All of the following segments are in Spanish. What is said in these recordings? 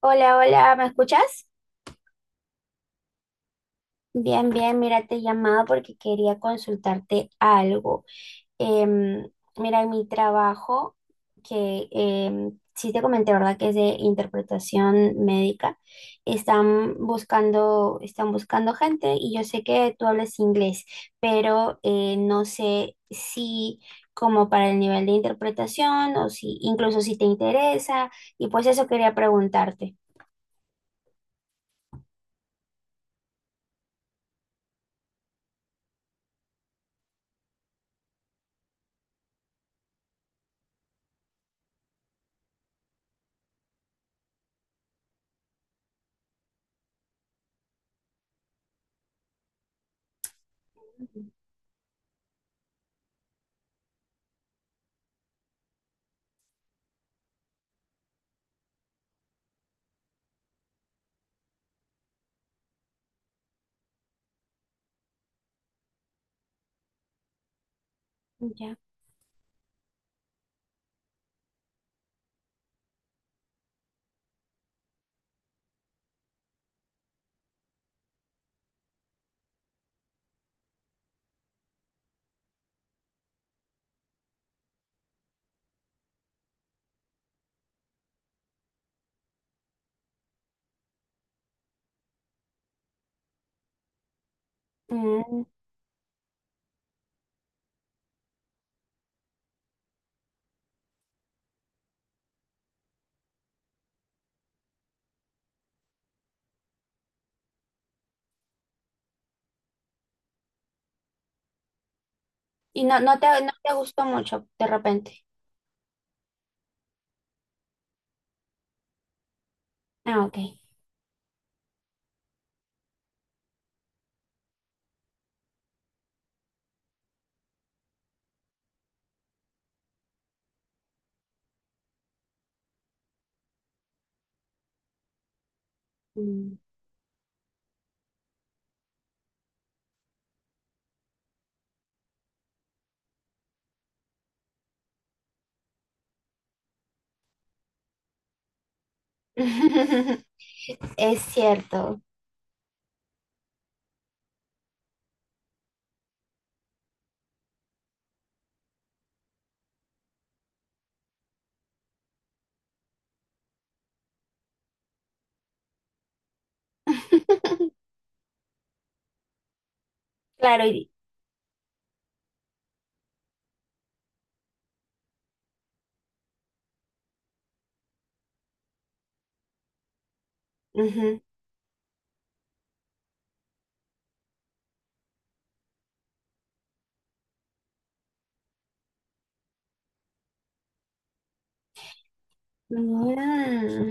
Hola, hola, ¿me escuchas? Bien, bien, mira, te llamaba porque quería consultarte algo. Em, Mira, en mi trabajo, que sí te comenté, ¿verdad? Que es de interpretación médica, están buscando gente y yo sé que tú hablas inglés, pero no sé si como para el nivel de interpretación o si incluso si te interesa y pues eso quería preguntarte. Ujú. Ya. Mm. Y no te gustó mucho de repente. Ah, ok. Mm. Es cierto. Claro, y... Ujú. Mm.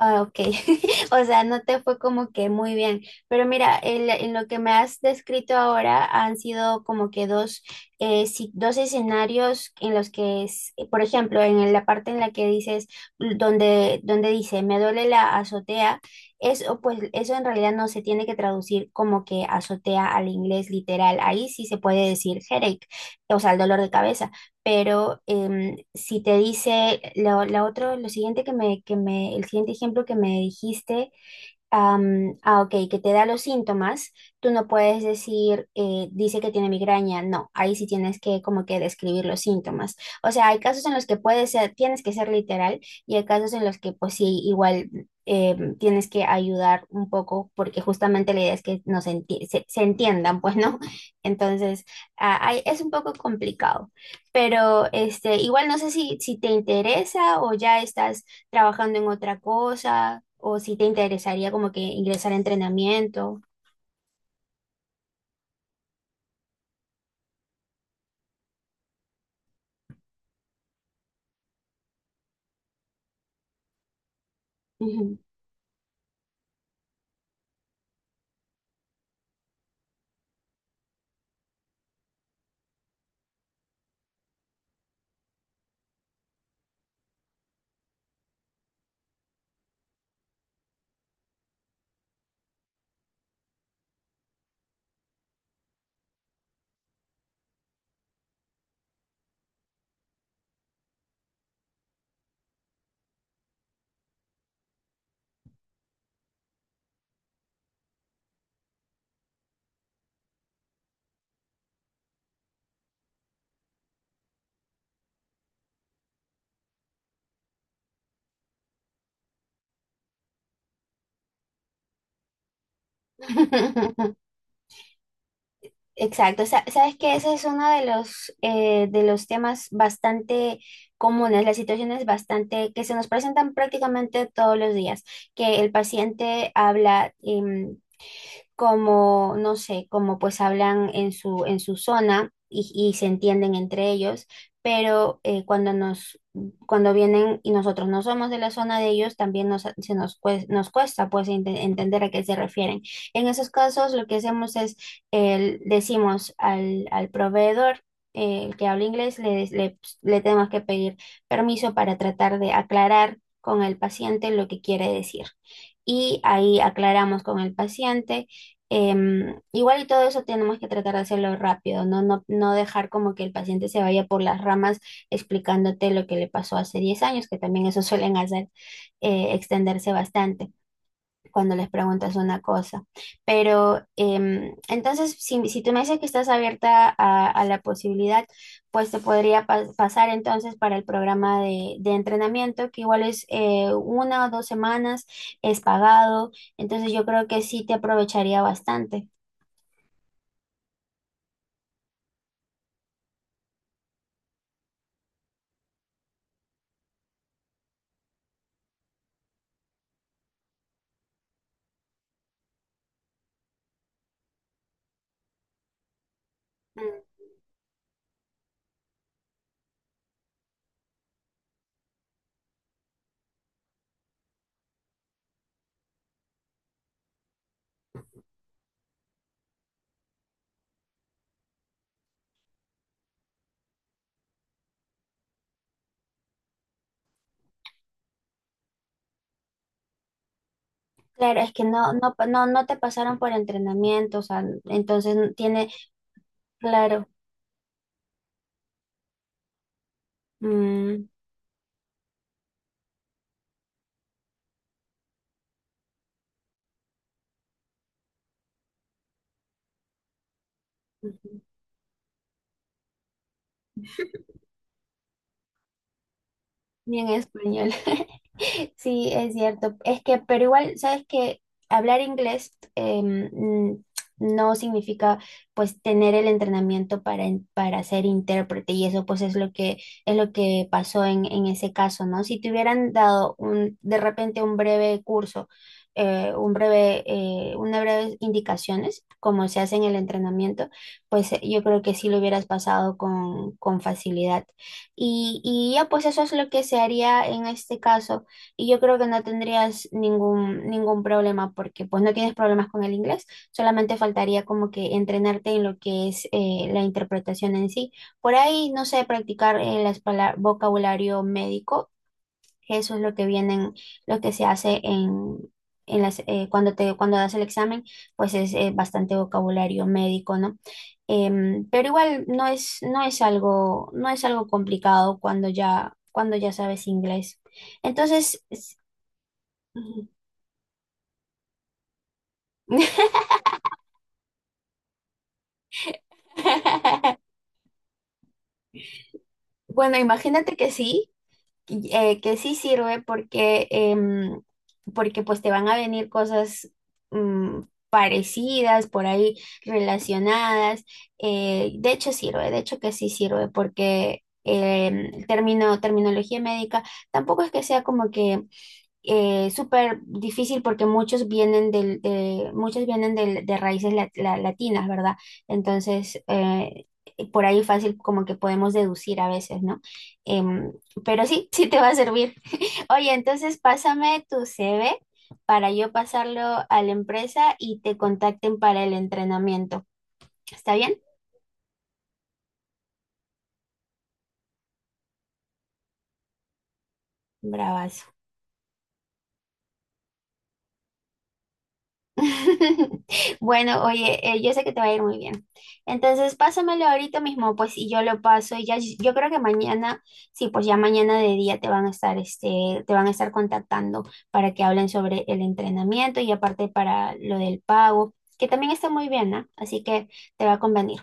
Ah, ok. O sea, no te fue como que muy bien. Pero mira, en lo que me has descrito ahora han sido como que dos, dos escenarios en los que, por ejemplo, en la parte en la que dices, donde, donde dice, me duele la azotea, eso, pues eso en realidad no se tiene que traducir como que azotea al inglés literal. Ahí sí se puede decir headache, o sea, el dolor de cabeza, pero si te dice lo la otro, lo siguiente el siguiente ejemplo que me dijiste, ok, que te da los síntomas, tú no puedes decir, dice que tiene migraña, no, ahí sí tienes que como que describir los síntomas. O sea, hay casos en los que puedes ser, tienes que ser literal y hay casos en los que pues sí, igual tienes que ayudar un poco porque justamente la idea es que se, se entiendan, pues, ¿no? Entonces, es un poco complicado, pero este, igual no sé si, si te interesa o ya estás trabajando en otra cosa o si te interesaría como que ingresar a entrenamiento. Ujú. Exacto. Sabes que ese es uno de los temas bastante comunes, las situaciones bastante que se nos presentan prácticamente todos los días, que el paciente habla, como, no sé, como pues hablan en su zona y se entienden entre ellos, pero cuando vienen y nosotros no somos de la zona de ellos, también nos cuesta pues entender a qué se refieren. En esos casos lo que hacemos es, decimos al proveedor, el que habla inglés, le tenemos que pedir permiso para tratar de aclarar con el paciente lo que quiere decir, y ahí aclaramos con el paciente. Igual y todo eso tenemos que tratar de hacerlo rápido, ¿no? No dejar como que el paciente se vaya por las ramas explicándote lo que le pasó hace 10 años, que también eso suelen hacer, extenderse bastante cuando les preguntas una cosa. Pero entonces, si, si tú me dices que estás abierta a la posibilidad, pues te podría pasar entonces para el programa de entrenamiento, que igual es una o dos semanas, es pagado, entonces yo creo que sí te aprovecharía bastante. Claro, es que no te pasaron por entrenamiento, o sea, entonces no tiene, claro. Mm, ni en español. Sí, es cierto. Es que, pero igual, sabes que hablar inglés no significa pues tener el entrenamiento para, para ser intérprete y eso pues es lo que pasó en ese caso, ¿no? Si te hubieran dado un, de repente un breve curso, un breve, unas breves indicaciones, como se hace en el entrenamiento, pues yo creo que sí lo hubieras pasado con facilidad. Y ya pues eso es lo que se haría en este caso. Y yo creo que no tendrías ningún, ningún problema porque pues no tienes problemas con el inglés, solamente faltaría como que entrenarte en lo que es la interpretación en sí. Por ahí, no sé, practicar el vocabulario médico, eso es lo que vienen, lo que se hace en las, cuando te, cuando das el examen, pues es bastante vocabulario médico, ¿no? Pero igual no es, no es algo, no es algo complicado cuando ya sabes inglés. Entonces, es- bueno, imagínate que sí sirve porque, porque pues te van a venir cosas mm, parecidas por ahí, relacionadas. De hecho sirve, de hecho que sí sirve porque el término, terminología médica tampoco es que sea como que súper difícil porque muchos vienen del, de, muchos vienen de raíces latinas, ¿verdad? Entonces, por ahí fácil como que podemos deducir a veces, ¿no? Em, pero sí, sí te va a servir. Oye, entonces pásame tu CV para yo pasarlo a la empresa y te contacten para el entrenamiento. ¿Está bien? Bravazo. Bueno, oye, yo sé que te va a ir muy bien. Entonces, pásamelo ahorita mismo, pues, y yo lo paso y ya, yo creo que mañana, sí, pues ya mañana de día te van a estar, este, te van a estar contactando para que hablen sobre el entrenamiento y aparte para lo del pago, que también está muy bien, ¿no? Así que te va a convenir.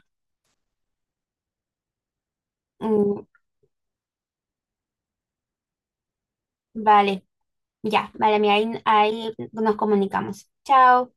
Mm, vale, ya, vale, mira, ahí, ahí nos comunicamos. Chao.